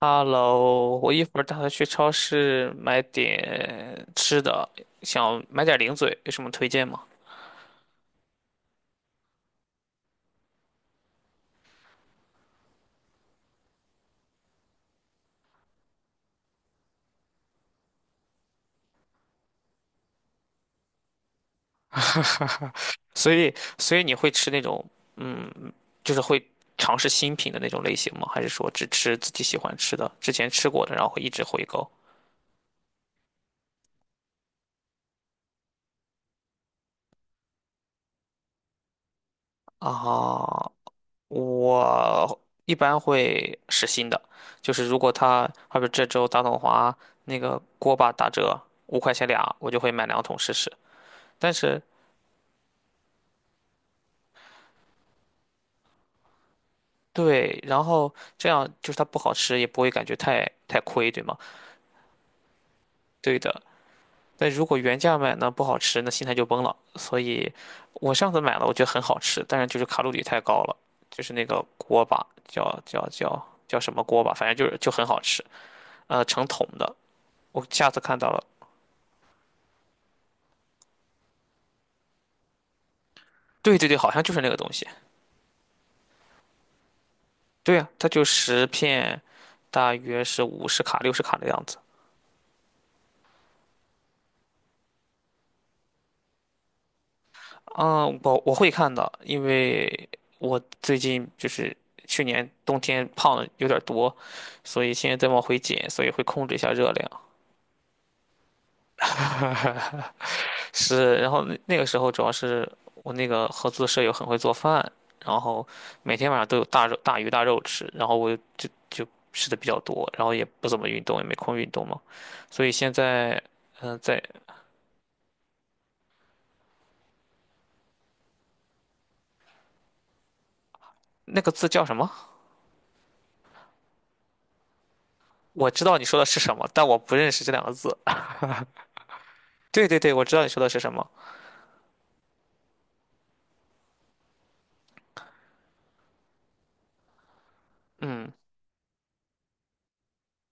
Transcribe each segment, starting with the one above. Hello，我一会儿打算去超市买点吃的，想买点零嘴，有什么推荐吗？所以你会吃那种，嗯，就是会尝试新品的那种类型吗？还是说只吃自己喜欢吃的，之前吃过的，然后会一直回购？啊，我一般会试新的，就是如果他，好比这周大统华那个锅巴打折5块钱俩，我就会买2桶试试。但是对，然后这样就是它不好吃，也不会感觉太亏，对吗？对的。但如果原价买呢，不好吃，那心态就崩了。所以，我上次买了，我觉得很好吃，但是就是卡路里太高了，就是那个锅巴，叫什么锅巴，反正就是就很好吃，成桶的。我下次看到了，对对对，好像就是那个东西。对呀，它就10片，大约是50卡、60卡的样子。嗯，我会看的，因为我最近就是去年冬天胖的有点多，所以现在在往回减，所以会控制一下热量。是，然后那个时候主要是我那个合租的舍友很会做饭，然后每天晚上都有大肉大鱼大肉吃，然后我就吃的比较多，然后也不怎么运动，也没空运动嘛，所以现在。嗯。在那个字叫什么？我知道你说的是什么，但我不认识这两个字。对对对，我知道你说的是什么。嗯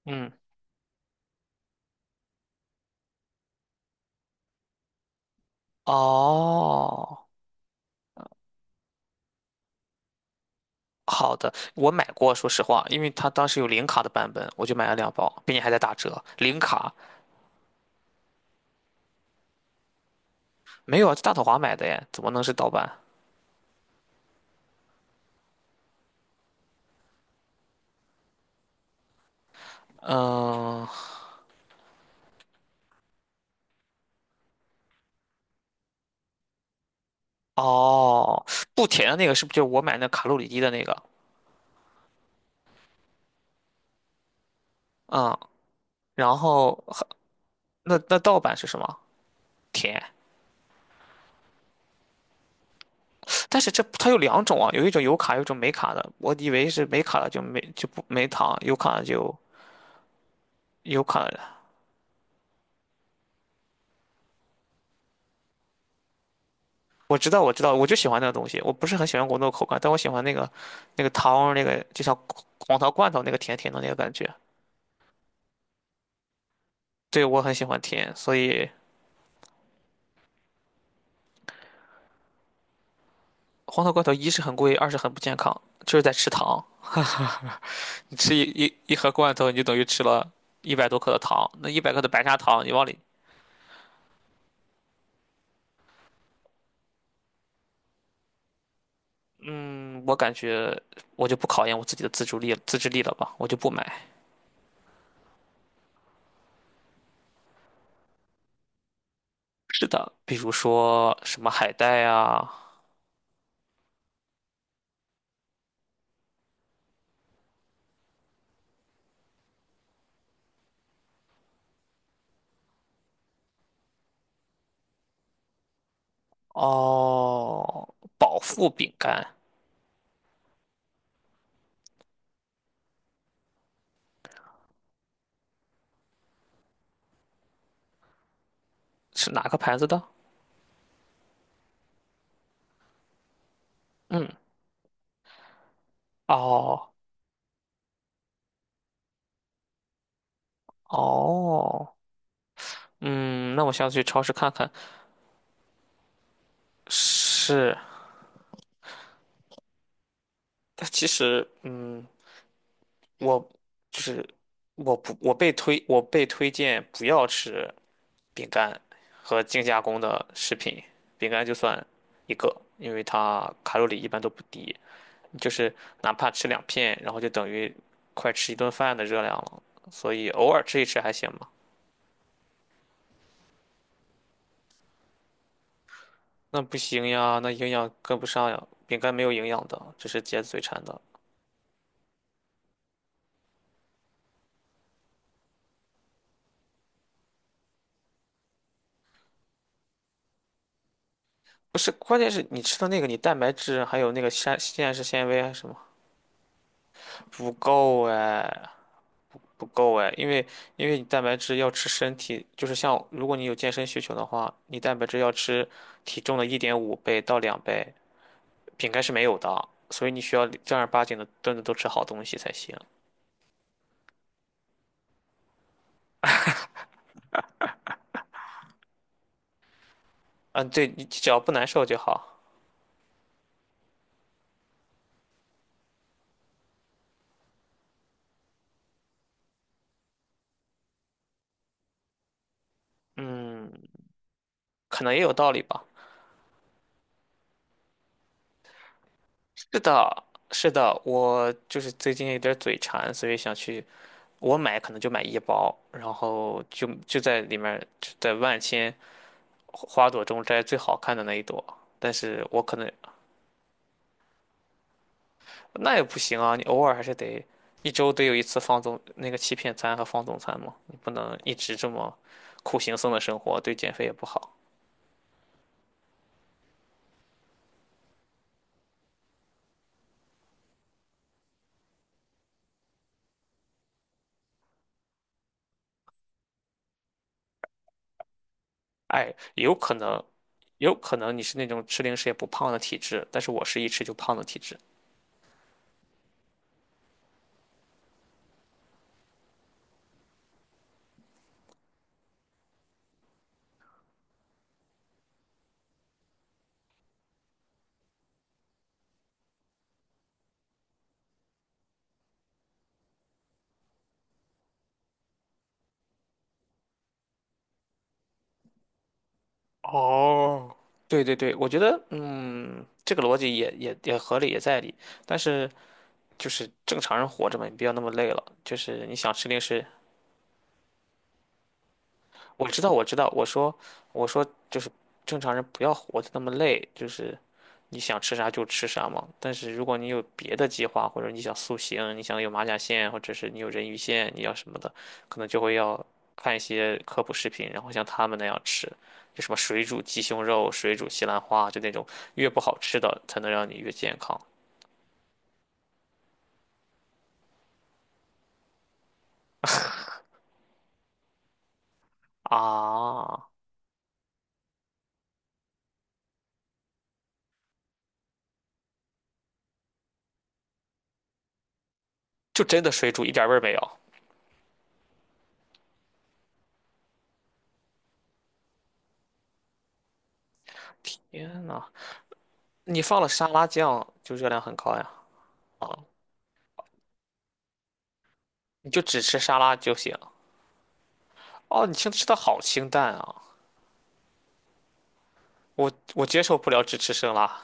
嗯。哦，好的，我买过，说实话，因为它当时有零卡的版本，我就买了2包，并且还在打折。零卡没有啊，在大统华买的耶，怎么能是盗版？嗯，哦，不甜的那个是不是就是我买那卡路里低的那个？嗯，然后那盗版是什么？甜，但是这它有2种啊，有一种有卡，有一种没卡的。我以为是没卡的就没就不没糖，有卡的就有卡的。我知道，我知道，我就喜欢那个东西。我不是很喜欢果冻的口感，但我喜欢那个那个糖，那个就像黄桃罐头那个甜甜的那个感觉。对，我很喜欢甜，所以黄桃罐头一是很贵，二是很不健康，就是在吃糖。哈哈，你吃一盒罐头，你就等于吃了100多克的糖。那100克的白砂糖，你往里，嗯，我感觉我就不考验我自己的自制力了吧，我就不买。是的，比如说什么海带啊，哦，饱腹饼干，是哪个牌子的？嗯，哦哦，嗯，那我下次去超市看看。是，但其实，嗯，我就是我不我被推我被推荐不要吃饼干和精加工的食品，饼干就算一个，因为它卡路里一般都不低，就是哪怕吃2片，然后就等于快吃一顿饭的热量了，所以偶尔吃一吃还行吧。那不行呀，那营养跟不上呀，饼干没有营养的，这是解嘴馋的。不是，关键是你吃的那个，你蛋白质还有那个膳食纤维还是什么不够哎，不够哎，因为你蛋白质要吃身体，就是像如果你有健身需求的话，你蛋白质要吃体重的1.5倍到2倍，饼干是没有的，所以你需要正儿八经的顿顿都吃好东西才行。嗯，对，你只要不难受就好。嗯，可能也有道理吧。是的，是的，我就是最近有点嘴馋，所以想去。我买可能就买一包，然后就在里面就在万千花朵中摘最好看的那一朵。但是我可能那也不行啊，你偶尔还是得一周得有一次放纵那个欺骗餐和放纵餐嘛，你不能一直这么苦行僧的生活，对减肥也不好。哎，有可能，有可能你是那种吃零食也不胖的体质，但是我是一吃就胖的体质。哦，对对对，我觉得，嗯，这个逻辑也合理，也在理。但是就是正常人活着嘛，你不要那么累了。就是你想吃零食，我知道，我知道，我说，我说，就是正常人不要活得那么累，就是你想吃啥就吃啥嘛。但是如果你有别的计划，或者你想塑形，你想有马甲线，或者是你有人鱼线，你要什么的，可能就会要看一些科普视频，然后像他们那样吃，就什么水煮鸡胸肉、水煮西兰花，就那种越不好吃的才能让你越健康。啊！就真的水煮一点味儿没有。天呐，你放了沙拉酱，就热量很高呀。啊！你就只吃沙拉就行。哦，你清吃的好清淡啊，我接受不了只吃生拉。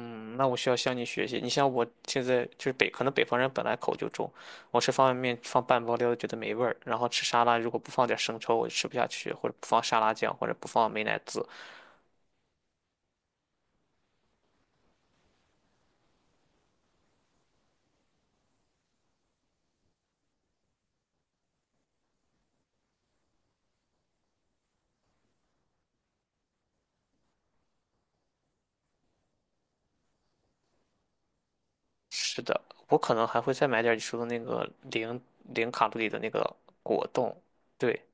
嗯，那我需要向你学习。你像我现在就是可能北方人本来口就重，我吃方便面放半包料觉得没味儿，然后吃沙拉如果不放点生抽我就吃不下去，或者不放沙拉酱，或者不放美乃滋。是的，我可能还会再买点你说的那个零卡路里的那个果冻。对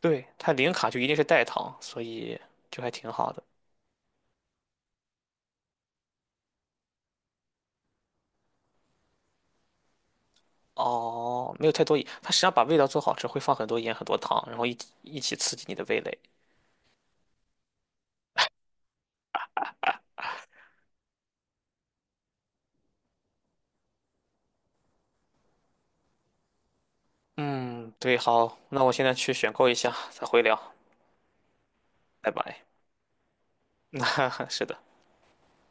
对，它零卡就一定是代糖，所以就还挺好的。哦，没有太多盐，它实际上把味道做好吃，会放很多盐、很多糖，然后一起刺激你的味蕾。嗯，对，好，那我现在去选购一下，再回聊，拜拜。是的。